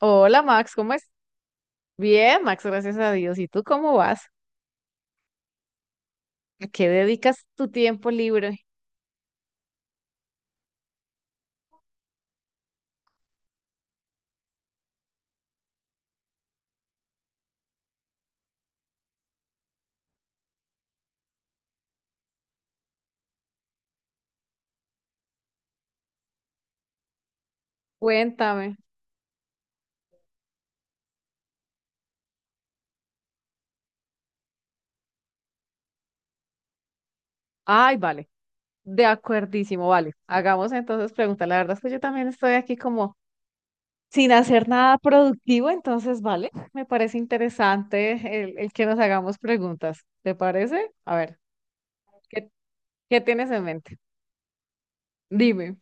Hola Max, ¿cómo es? Bien, Max, gracias a Dios. ¿Y tú cómo vas? ¿A qué dedicas tu tiempo libre? Cuéntame. Ay, vale, de acuerdísimo, vale. Hagamos entonces preguntas. La verdad es que yo también estoy aquí como sin hacer nada productivo, entonces, vale, me parece interesante el que nos hagamos preguntas. ¿Te parece? A ver, ¿qué, qué tienes en mente? Dime.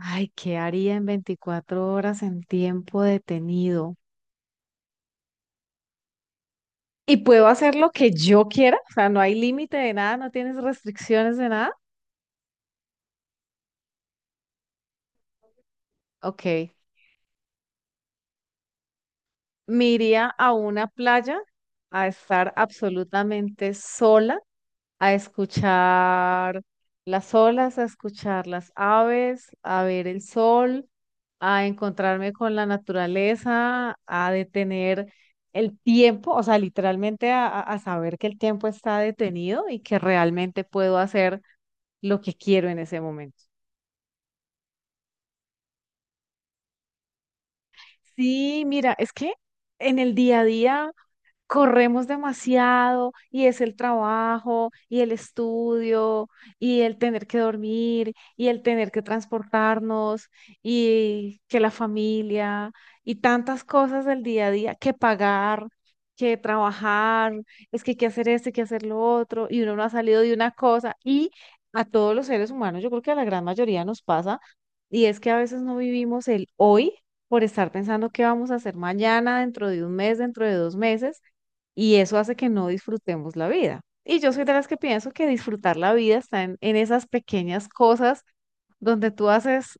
Ay, ¿qué haría en 24 horas en tiempo detenido? Y puedo hacer lo que yo quiera, o sea, no hay límite de nada, no tienes restricciones de nada. Ok, me iría a una playa a estar absolutamente sola, a escuchar las olas, a escuchar las aves, a ver el sol, a encontrarme con la naturaleza, a detener el tiempo, o sea, literalmente a, a saber que el tiempo está detenido y que realmente puedo hacer lo que quiero en ese momento. Sí, mira, es que en el día a día, corremos demasiado y es el trabajo y el estudio y el tener que dormir y el tener que transportarnos y que la familia y tantas cosas del día a día que pagar. Que trabajar, es que hay que hacer esto, hay que hacer lo otro, y uno no ha salido de una cosa, y a todos los seres humanos, yo creo que a la gran mayoría nos pasa, y es que a veces no vivimos el hoy por estar pensando qué vamos a hacer mañana, dentro de un mes, dentro de dos meses, y eso hace que no disfrutemos la vida. Y yo soy de las que pienso que disfrutar la vida está en esas pequeñas cosas donde tú haces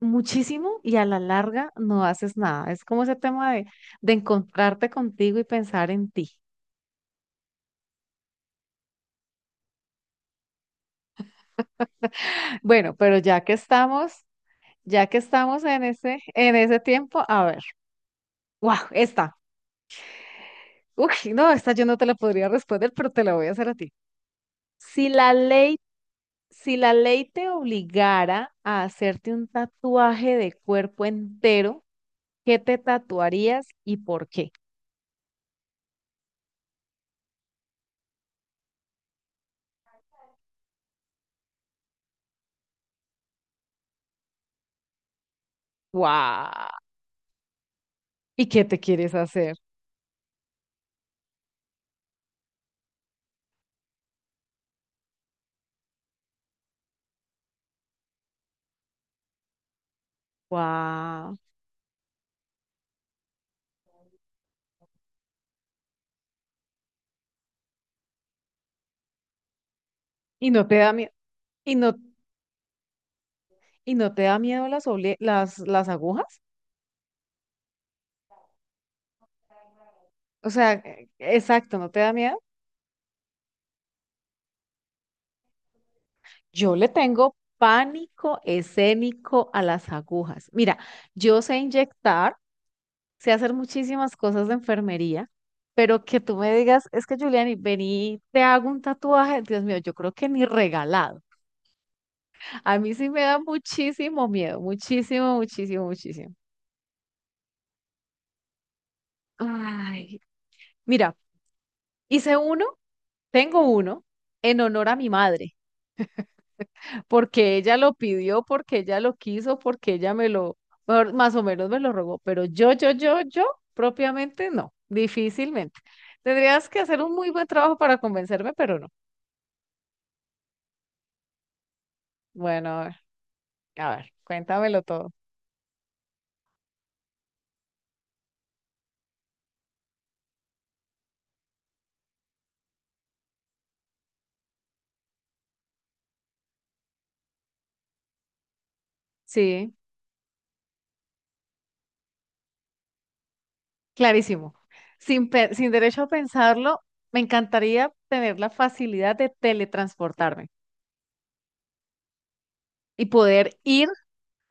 muchísimo y a la larga no haces nada. Es como ese tema de encontrarte contigo y pensar en ti. Bueno, pero ya que estamos en ese tiempo, a ver, wow, esta. Uy, no, esta yo no te la podría responder, pero te la voy a hacer a ti. Si la ley Si la ley te obligara a hacerte un tatuaje de cuerpo entero, ¿qué te tatuarías y por qué? ¡Guau! ¿Y qué te quieres hacer? ¡Guau! ¿Y no te da miedo? ¿Y no, y no te da miedo las agujas? O sea, exacto, ¿no te da miedo? Yo le tengo pánico escénico a las agujas. Mira, yo sé inyectar. Sé hacer muchísimas cosas de enfermería, pero que tú me digas, es que Juliani, vení, te hago un tatuaje, Dios mío, yo creo que ni regalado. A mí sí me da muchísimo miedo, muchísimo, muchísimo, muchísimo. Ay, mira, hice uno, tengo uno en honor a mi madre, porque ella lo pidió, porque ella lo quiso, porque ella me lo, mejor- más o menos me lo rogó, pero yo, propiamente no, difícilmente. Tendrías que hacer un muy buen trabajo para convencerme, pero no. Bueno, a ver, cuéntamelo todo. Sí, clarísimo. Sin, pe- sin derecho a pensarlo, me encantaría tener la facilidad de teletransportarme y poder ir,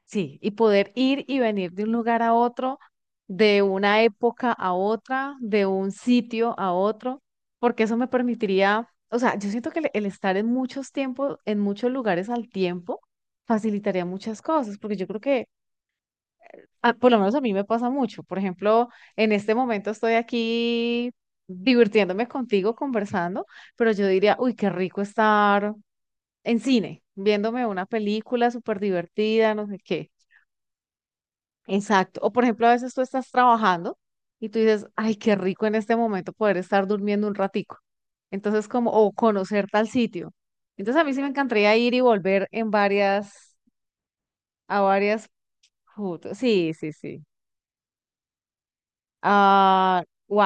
sí, y poder ir y venir de un lugar a otro, de una época a otra, de un sitio a otro, porque eso me permitiría, o sea, yo siento que el estar en muchos tiempos, en muchos lugares al tiempo, facilitaría muchas cosas, porque yo creo que a- por lo menos a mí me pasa mucho. Por ejemplo, en este momento estoy aquí divirtiéndome contigo, conversando, pero yo diría, uy, qué rico estar en cine, viéndome una película súper divertida, no sé qué. Exacto. O por ejemplo, a veces tú estás trabajando y tú dices, ay, qué rico en este momento poder estar durmiendo un ratico. Entonces, como, o conocer tal sitio. Entonces, a mí sí me encantaría ir y volver en varias, a varias, putas. Sí, sí, sí. Ah, guau.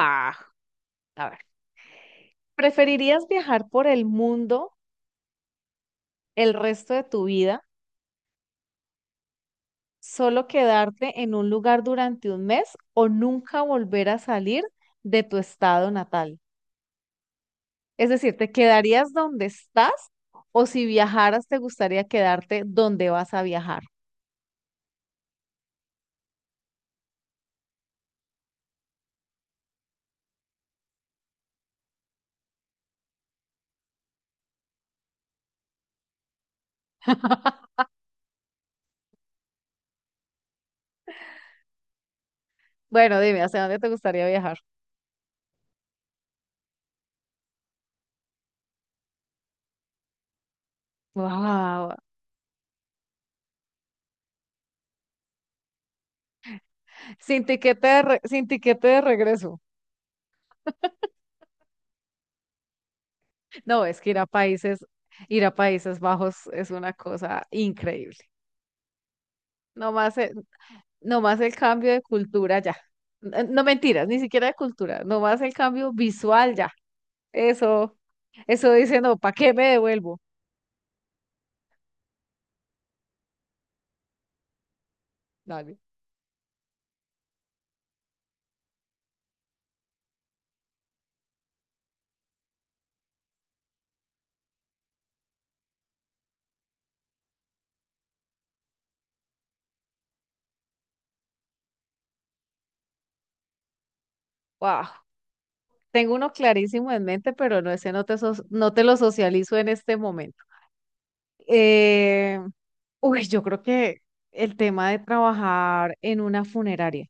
A ver, ¿preferirías viajar por el mundo el resto de tu vida, solo quedarte en un lugar durante un mes o nunca volver a salir de tu estado natal? Es decir, ¿te quedarías donde estás o si viajaras te gustaría quedarte donde vas a viajar? Bueno, dime, ¿hacia dónde te gustaría viajar? Wow. Sin tiquete de re- sin tiquete de regreso. No, es que ir a Países Bajos es una cosa increíble. Nomás, nomás el cambio de cultura ya. N- No, mentiras, ni siquiera de cultura, nomás el cambio visual ya. Eso, eso dice, no, ¿para qué me devuelvo? Dale. Wow. Tengo uno clarísimo en mente, pero no, ese no te, so- no te lo socializo en este momento. Eh, uy, yo creo que el tema de trabajar en una funeraria,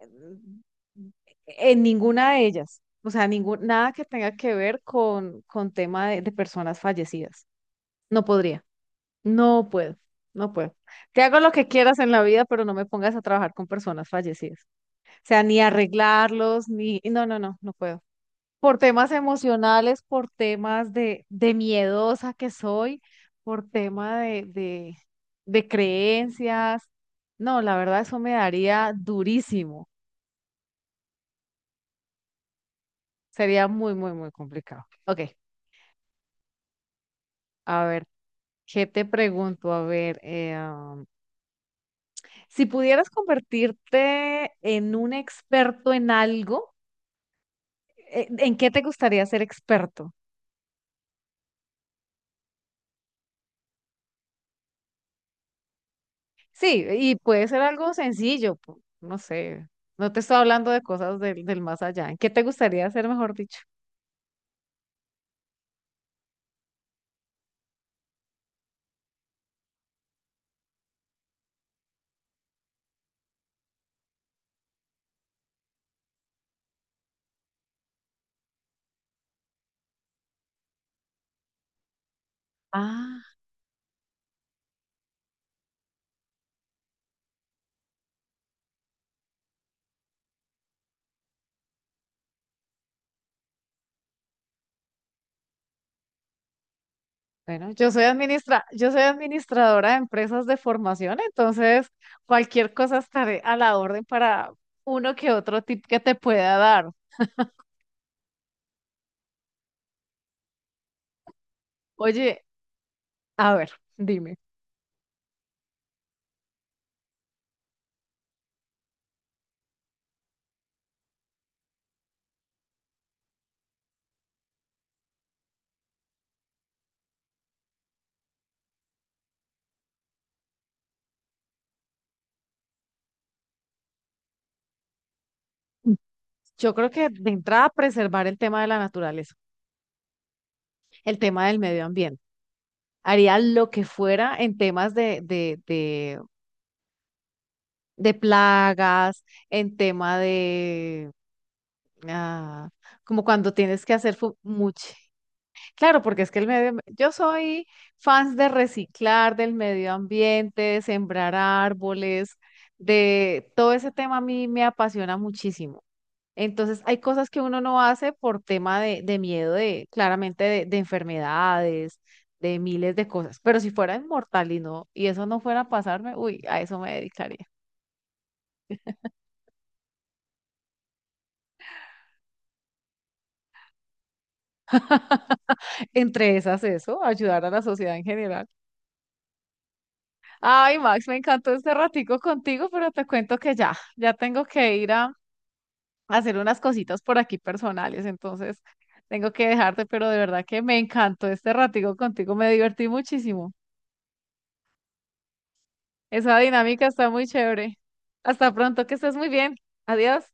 mm, en ninguna de ellas, o sea, ningún, nada que tenga que ver con tema de personas fallecidas. No podría. No puedo, no puedo. Te hago lo que quieras en la vida, pero no me pongas a trabajar con personas fallecidas. O sea, ni arreglarlos, ni... No, no, no, no puedo. Por temas emocionales, por temas de miedosa que soy, por tema de creencias. No, la verdad, eso me daría durísimo. Sería muy, muy, muy complicado. Ok, a ver, ¿qué te pregunto? A ver, Si pudieras convertirte en un experto en algo, ¿en qué te gustaría ser experto? Sí, y puede ser algo sencillo, pu- no sé, no te estoy hablando de cosas del más allá. ¿En qué te gustaría ser, mejor dicho? Ah, bueno, yo soy administra, yo soy administradora de empresas de formación, entonces cualquier cosa estaré a la orden para uno que otro tip que te pueda dar. Oye, a ver, dime. Yo creo que de entrada preservar el tema de la naturaleza. El tema del medio ambiente. Haría lo que fuera en temas de plagas, en tema de, ah, como cuando tienes que hacer fu- mucho. Claro, porque es que el medio, yo soy fans de reciclar, del medio ambiente, de sembrar árboles, de todo ese tema a mí me apasiona muchísimo. Entonces, hay cosas que uno no hace por tema de miedo de, claramente, de enfermedades, de miles de cosas. Pero si fuera inmortal y no, y eso no fuera a pasarme, uy, a eso me dedicaría. Entre esas, eso, ayudar a la sociedad en general. Ay, Max, me encantó este ratico contigo, pero te cuento que ya, ya tengo que ir a hacer unas cositas por aquí personales, entonces tengo que dejarte, pero de verdad que me encantó este ratico contigo, me divertí muchísimo. Esa dinámica está muy chévere. Hasta pronto, que estés muy bien. Adiós.